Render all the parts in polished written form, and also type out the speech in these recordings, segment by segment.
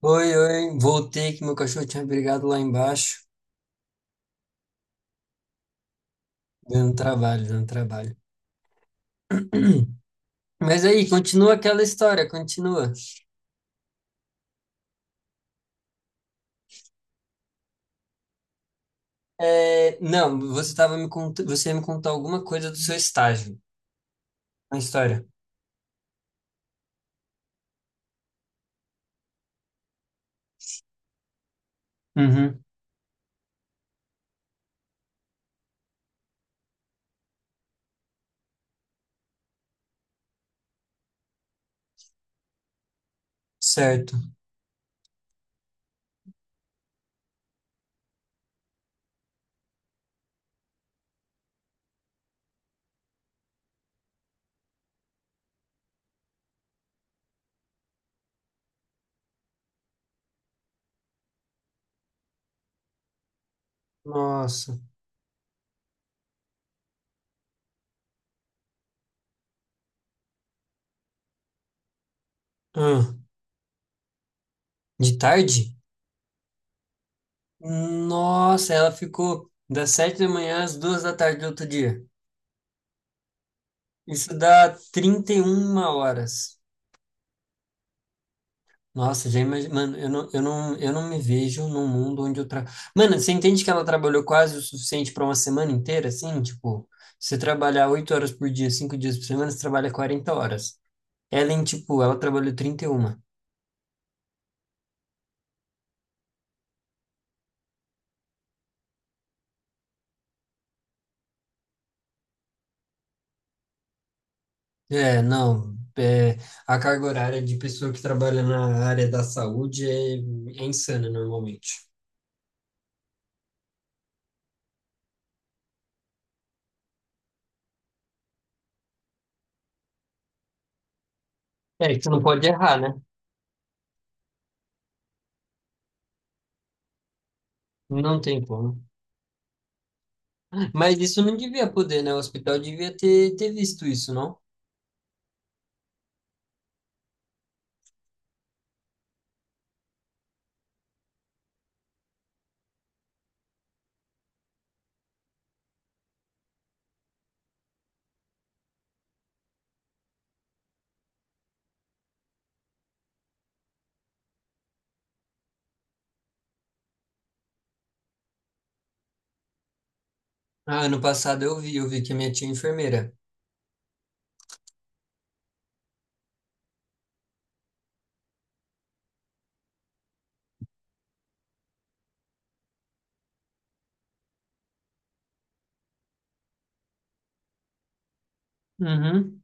Oi, oi, voltei que meu cachorro tinha brigado lá embaixo, dando trabalho, dando trabalho. Mas aí, continua aquela história, continua. É, não, você ia me contar alguma coisa do seu estágio, na história. Uhum, certo. Nossa. Ah, de tarde? Nossa, ela ficou das 7 da manhã às 2 da tarde do outro dia. Isso dá 31 horas. Nossa, já imagino. Mano, eu não, me vejo num mundo onde eu tra... Mano, você entende que ela trabalhou quase o suficiente para uma semana inteira, assim? Tipo, você trabalhar 8 horas por dia, 5 dias por semana, você trabalha 40 horas. Ela, em, tipo, ela trabalhou 31. É, não. É, a carga horária de pessoa que trabalha na área da saúde é insana, normalmente. É, que você não pode errar, né? Não tem como. Mas isso não devia poder, né? O hospital devia ter visto isso, não? Ah, ano passado eu vi que a minha tia é enfermeira. Uhum.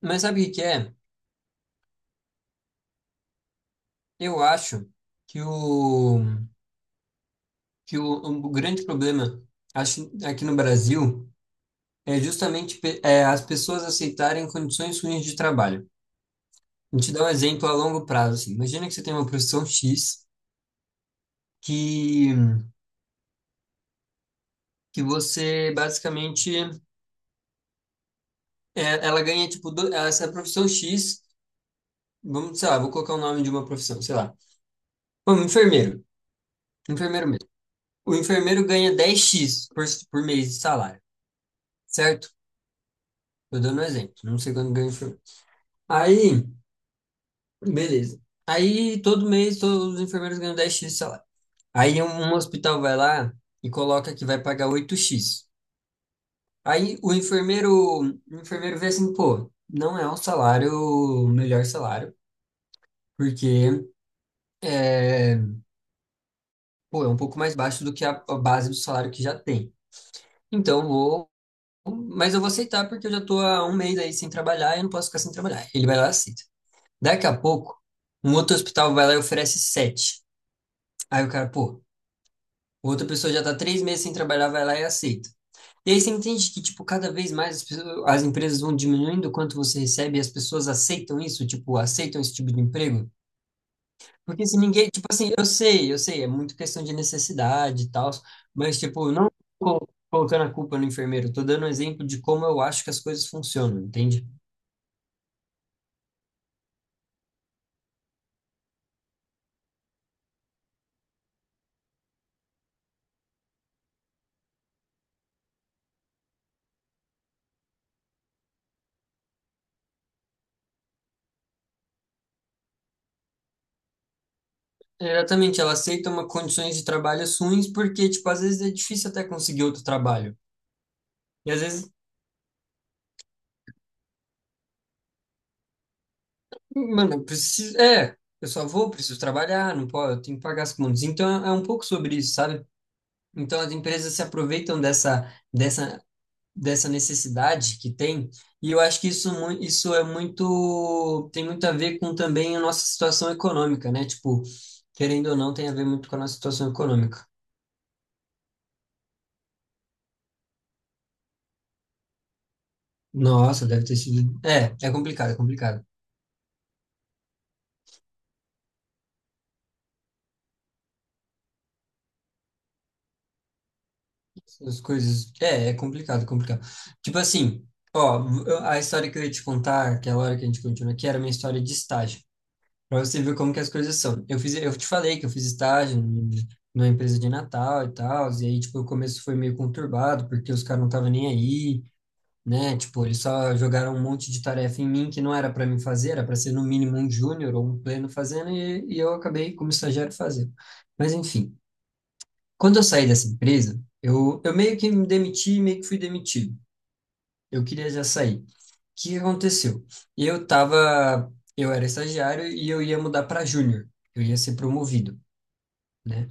Mas sabe o que que é? Eu acho que o, que o grande problema, acho, aqui no Brasil é justamente as pessoas aceitarem condições ruins de trabalho. Vou te dar um exemplo a longo prazo, assim. Imagina que você tem uma profissão X que, que você basicamente é, ela ganha tipo do, essa profissão X, vamos, sei lá, vou colocar o nome de uma profissão, sei lá. Um enfermeiro, um enfermeiro mesmo. O enfermeiro ganha 10 x por mês de salário, certo? Tô dando um exemplo, não sei quando ganha o enfermeiro. Aí, beleza. Aí, todo mês, todos os enfermeiros ganham 10 x de salário. Aí, um hospital vai lá e coloca que vai pagar 8 x. Aí, o enfermeiro vê assim, pô, não é um salário, o melhor salário, porque, é, pô, é um pouco mais baixo do que a base do salário que já tem. Então, vou, mas eu vou aceitar porque eu já tô há um mês aí sem trabalhar e eu não posso ficar sem trabalhar. Ele vai lá e aceita. Daqui a pouco, um outro hospital vai lá e oferece sete. Aí o cara, pô, outra pessoa já tá 3 meses sem trabalhar, vai lá e aceita. E aí você entende que, tipo, cada vez mais as empresas vão diminuindo o quanto você recebe e as pessoas aceitam isso, tipo, aceitam esse tipo de emprego? Porque se ninguém, tipo assim, eu sei, é muito questão de necessidade e tal, mas, tipo, não colocando a culpa no enfermeiro, eu tô dando um exemplo de como eu acho que as coisas funcionam, entende? Exatamente, ela aceita uma condições de trabalho ruins porque, tipo, às vezes é difícil até conseguir outro trabalho. E às vezes, mano, eu preciso. É, eu só vou, preciso trabalhar, não posso, eu tenho que pagar as contas. Então é um pouco sobre isso, sabe? Então as empresas se aproveitam dessa, dessa necessidade que tem. E eu acho que isso, isso é muito. Tem muito a ver com também a nossa situação econômica, né? Tipo, querendo ou não, tem a ver muito com a nossa situação econômica. Nossa, deve ter sido. É, é complicado, é complicado. As coisas. É, é complicado, é complicado. Tipo assim, ó, a história que eu ia te contar, que é a hora que a gente continua aqui, era minha história de estágio. Pra você ver como que as coisas são. Eu fiz, eu te falei que eu fiz estágio numa empresa de Natal e tal, e aí, tipo, o começo foi meio conturbado, porque os caras não estavam nem aí, né? Tipo, eles só jogaram um monte de tarefa em mim que não era pra mim fazer, era pra ser no mínimo um júnior ou um pleno fazendo, e eu acabei como estagiário fazendo. Mas enfim. Quando eu saí dessa empresa, eu meio que me demiti, meio que fui demitido. Eu queria já sair. O que que aconteceu? Eu tava, eu era estagiário e eu ia mudar para júnior. Eu ia ser promovido, né?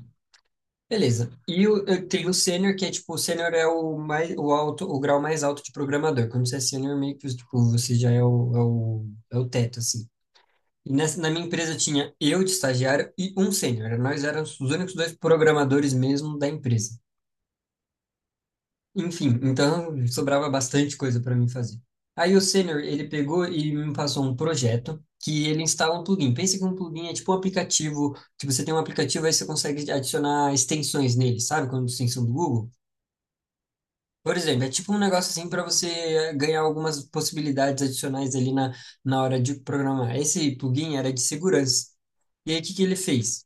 Beleza. E eu tenho o sênior, que é tipo, o sênior é o mais, o alto, o grau mais alto de programador. Quando você é sênior, meio que tipo, você já é o teto, assim. E nessa, na minha empresa tinha eu de estagiário e um sênior. Nós éramos os únicos dois programadores mesmo da empresa. Enfim, então sobrava bastante coisa para mim fazer. Aí o senior ele pegou e me passou um projeto que ele instala um plugin. Pensa que um plugin é tipo um aplicativo, que você tem um aplicativo aí você consegue adicionar extensões nele, sabe? Como a extensão do Google. Por exemplo, é tipo um negócio assim para você eh, ganhar algumas possibilidades adicionais ali na hora de programar. Esse plugin era de segurança. E aí, o que que ele fez?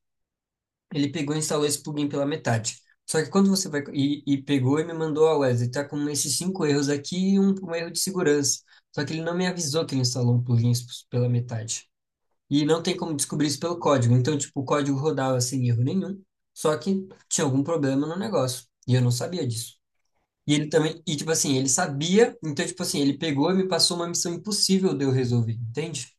Ele pegou e instalou esse plugin pela metade. Só que quando você vai e pegou e me mandou, ó, Wesley, tá com esses cinco erros aqui e um erro de segurança. Só que ele não me avisou que ele instalou um plugin pela metade. E não tem como descobrir isso pelo código. Então, tipo, o código rodava sem erro nenhum, só que tinha algum problema no negócio. E eu não sabia disso. E ele também, e tipo assim, ele sabia, então, tipo assim, ele pegou e me passou uma missão impossível de eu resolver, entende?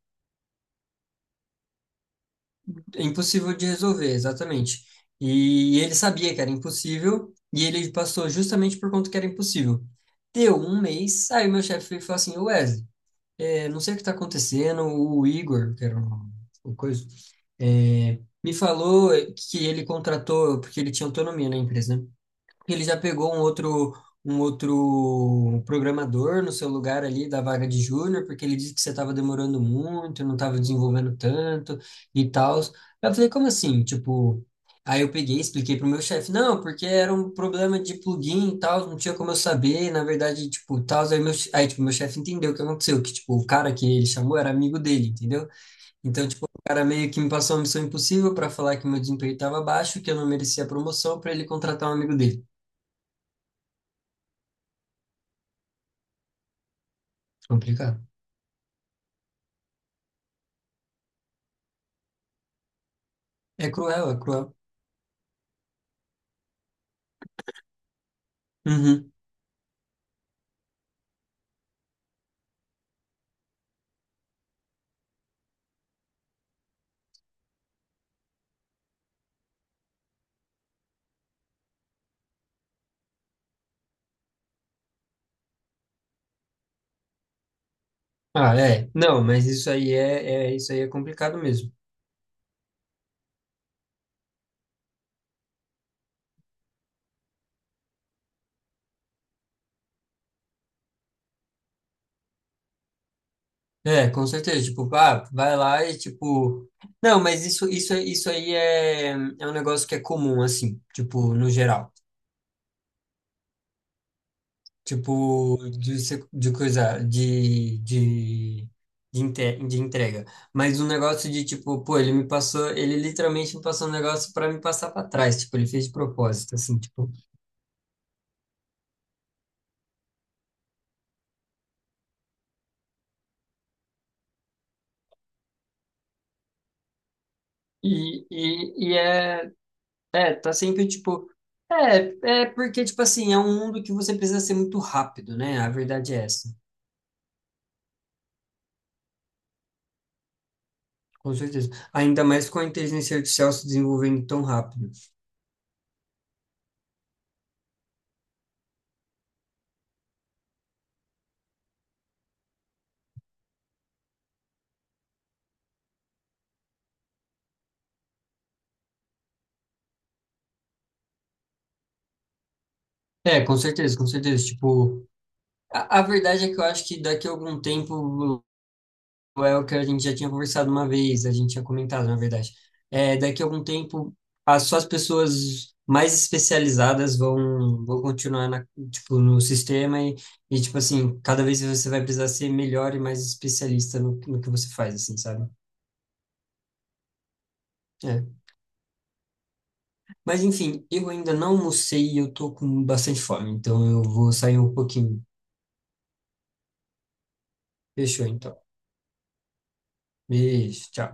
É impossível de resolver, exatamente. E ele sabia que era impossível, e ele passou justamente por conta que era impossível. Deu um mês, aí meu chefe veio e falou assim, Wesley, é, não sei o que está acontecendo, o Igor, o coisa, é, me falou que ele contratou, porque ele tinha autonomia na empresa, né? Ele já pegou um outro programador no seu lugar ali da vaga de júnior, porque ele disse que você estava demorando muito, não estava desenvolvendo tanto e tal. Eu falei, como assim? Tipo, aí eu peguei, expliquei pro meu chefe, não, porque era um problema de plugin e tal, não tinha como eu saber, na verdade, tipo, tal, aí, tipo, meu chefe entendeu o que aconteceu, que, tipo, o cara que ele chamou era amigo dele, entendeu? Então, tipo, o cara meio que me passou uma missão impossível para falar que meu desempenho estava baixo, que eu não merecia promoção, para ele contratar um amigo dele. Complicado. É cruel, é cruel. Uhum. Ah, é. Não, mas isso aí é, é, isso aí é complicado mesmo. É, com certeza. Tipo, ah, vai lá e tipo. Não, mas isso aí é um negócio que é comum, assim, tipo, no geral. Tipo, de, de coisa, de, de entrega. Mas um negócio de tipo, pô, ele me passou, ele literalmente me passou um negócio pra me passar pra trás. Tipo, ele fez de propósito, assim, tipo. E é. É, tá sempre tipo. É, é porque, tipo assim, é um mundo que você precisa ser muito rápido, né? A verdade é essa. Com certeza. Ainda mais com a inteligência artificial se desenvolvendo tão rápido. É, com certeza, com certeza. Tipo, a verdade é que eu acho que daqui a algum tempo. É o que a gente já tinha conversado uma vez, a gente tinha comentado, na verdade. É, daqui a algum tempo, as, só as pessoas mais especializadas vão continuar na, tipo, no sistema e, tipo assim, cada vez você vai precisar ser melhor e mais especialista no que você faz, assim, sabe? É. Mas, enfim, eu ainda não almocei e eu tô com bastante fome, então eu vou sair um pouquinho. Fechou, então. Beijo, tchau.